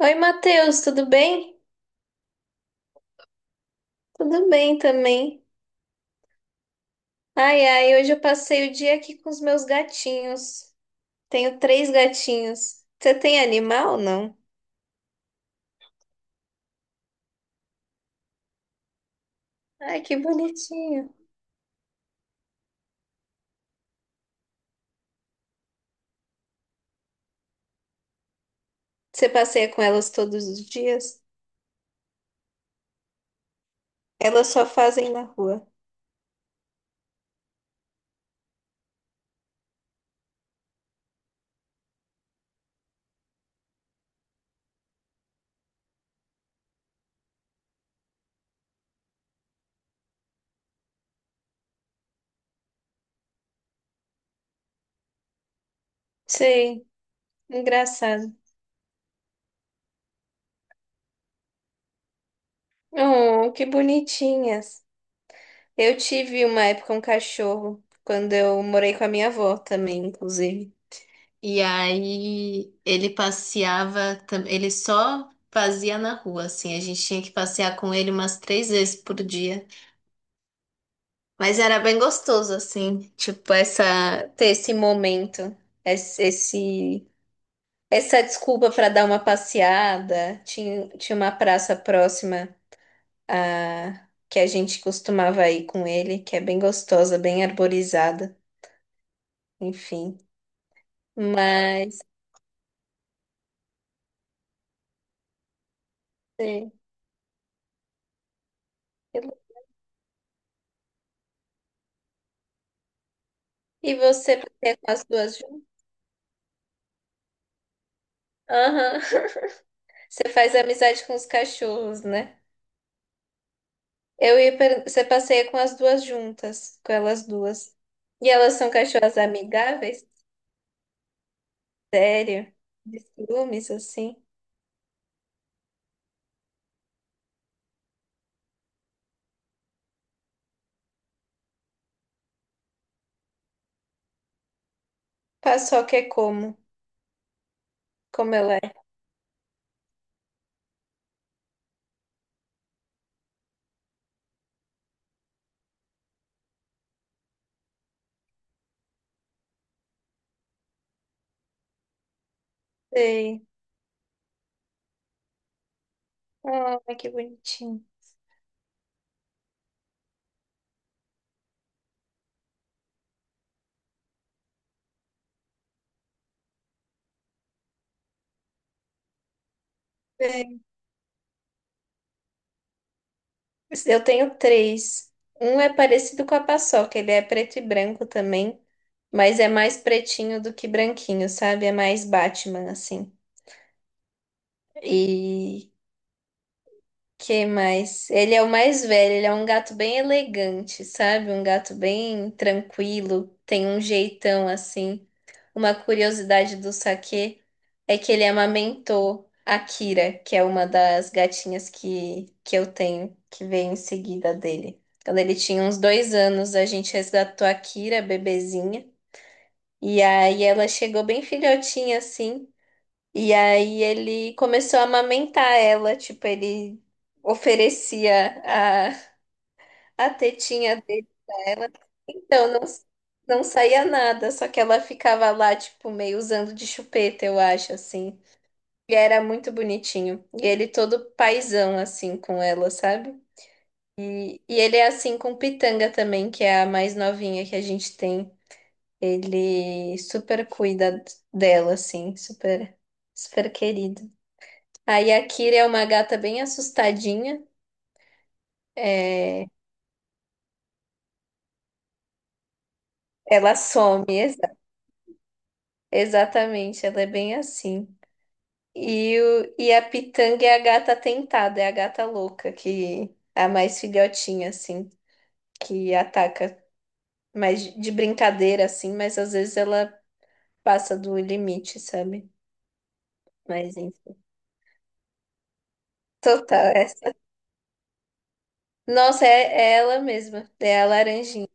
Oi, Matheus, tudo bem? Tudo bem também. Ai, ai, hoje eu passei o dia aqui com os meus gatinhos. Tenho três gatinhos. Você tem animal ou não? Ai, que bonitinho. Você passeia com elas todos os dias? Elas só fazem na rua. Sei, engraçado. Oh, que bonitinhas. Eu tive uma época um cachorro, quando eu morei com a minha avó também, inclusive. E aí ele passeava, ele só fazia na rua, assim. A gente tinha que passear com ele umas três vezes por dia. Mas era bem gostoso, assim, tipo, essa, ter esse momento, esse, esse- essa desculpa para dar uma passeada. Tinha uma praça próxima que a gente costumava ir com ele, que é bem gostosa, bem arborizada, enfim. Mas. É, eu- e você passeia com as duas. Aham. Você faz amizade com os cachorros, né? Eu ia per... Você passeia com as duas juntas, com elas duas. E elas são cachorras amigáveis? Sério? De ciúmes, assim? Paçoca é como? Como ela é? Sei. Ai, que bonitinho. Sei. Eu tenho três. Um é parecido com a paçoca, ele é preto e branco também, mas é mais pretinho do que branquinho, sabe? É mais Batman, assim. E que mais? Ele é o mais velho, ele é um gato bem elegante, sabe? Um gato bem tranquilo, tem um jeitão assim. Uma curiosidade do Saquê é que ele amamentou a Kira, que é uma das gatinhas que eu tenho, que veio em seguida dele. Quando ele tinha uns dois anos, a gente resgatou a Kira, bebezinha, e aí ela chegou bem filhotinha assim. E aí ele começou a amamentar ela, tipo, ele oferecia a tetinha dele pra ela. Então não, não saía nada, só que ela ficava lá, tipo, meio usando de chupeta, eu acho, assim. E era muito bonitinho. E ele todo paizão, assim, com ela, sabe? E ele é assim com Pitanga também, que é a mais novinha que a gente tem. Ele super cuida dela, assim, super, super querido. Aí a Kira é uma gata bem assustadinha. É, ela some, exatamente, ela é bem assim. E, o, e a Pitanga é a gata tentada, é a gata louca, que é a mais filhotinha, assim, que ataca mais de brincadeira, assim, mas às vezes ela passa do limite, sabe? Mas enfim. Total, essa. Nossa, é, é ela mesma, é a laranjinha.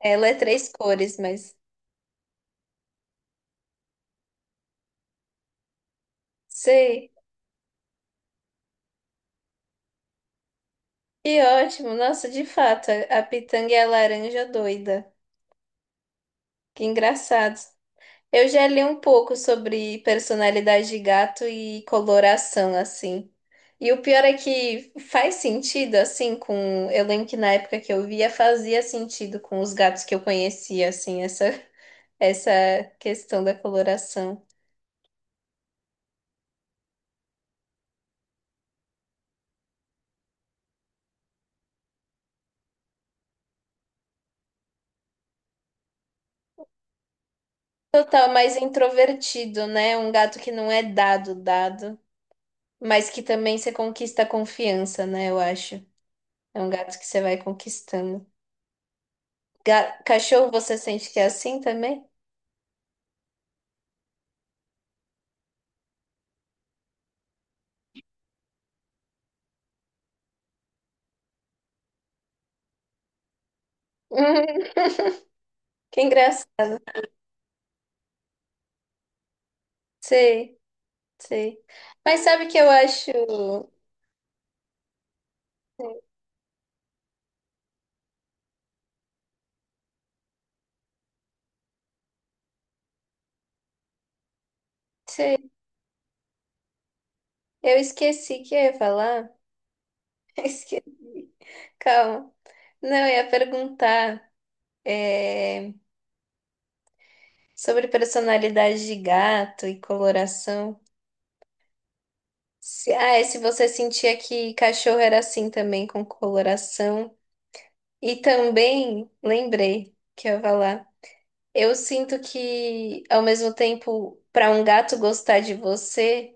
Ela é três cores, mas sei. Que ótimo! Nossa, de fato, a pitanga é a laranja doida. Que engraçado. Eu já li um pouco sobre personalidade de gato e coloração, assim. E o pior é que faz sentido, assim, com... Eu lembro que na época que eu via, fazia sentido com os gatos que eu conhecia, assim, essa, essa questão da coloração. Total, mais introvertido, né? Um gato que não é dado, dado, mas que também você conquista a confiança, né? Eu acho. É um gato que você vai conquistando. Ga- Cachorro, você sente que é assim também? Que engraçado. Sei, sei. Mas sabe o que eu acho? Sei. Eu esqueci o que eu ia falar. Esqueci. Calma. Não, eu ia perguntar é, sobre personalidade de gato e coloração. Se, ah, é se você sentia que cachorro era assim também, com coloração. E também lembrei que eu ia falar. Eu sinto que, ao mesmo tempo, para um gato gostar de você,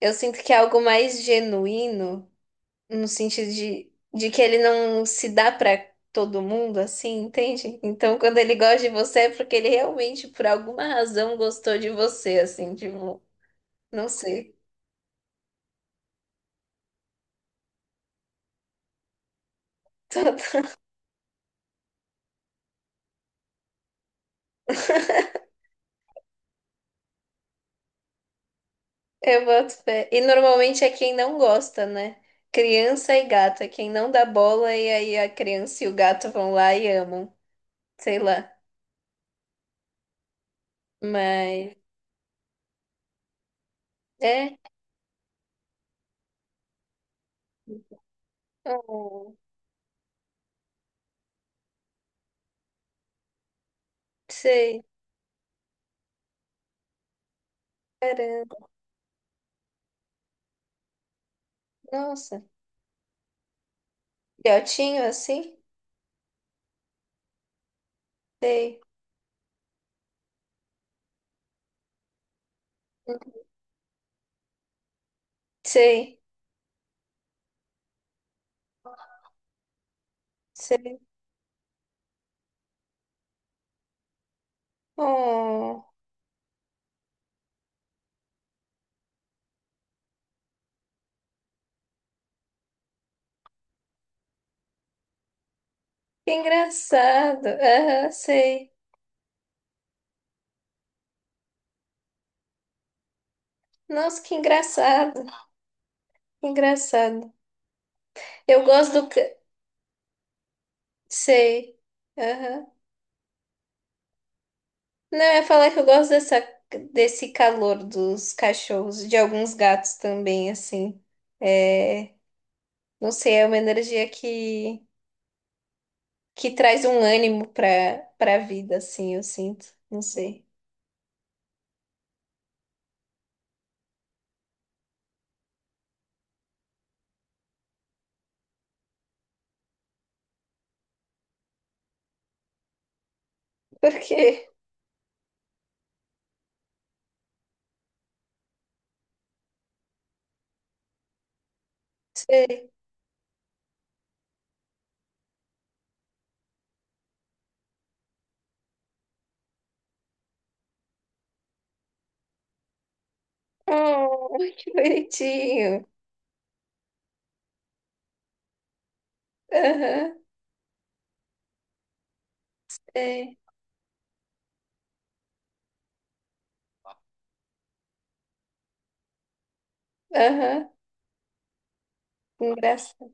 eu sinto que é algo mais genuíno, no sentido de que ele não se dá para todo mundo, assim, entende? Então, quando ele gosta de você, é porque ele realmente, por alguma razão, gostou de você, assim, tipo, não sei. Eu boto fé. E normalmente é quem não gosta, né? Criança e gato, é quem não dá bola e aí a criança e o gato vão lá e amam, sei lá. Mas. É. Oh, sei. Caramba. Nossa. Filhotinho assim? Sei. Sei. Sei. Oh, que engraçado. Aham, sei. Nossa, que engraçado. Que engraçado. Eu gosto do... sei. Aham. Não, eu ia falar que eu gosto dessa, desse calor dos cachorros, de alguns gatos também, assim. É... Não sei, é uma energia que traz um ânimo para a vida, assim, eu sinto. Não sei. Por quê? Sei. Oh, que bonitinho. Aham, é. Aham, engraçado.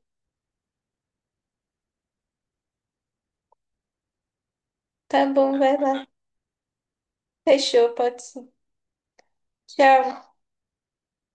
Tá bom, vai lá. Fechou, pode ser. Tchau.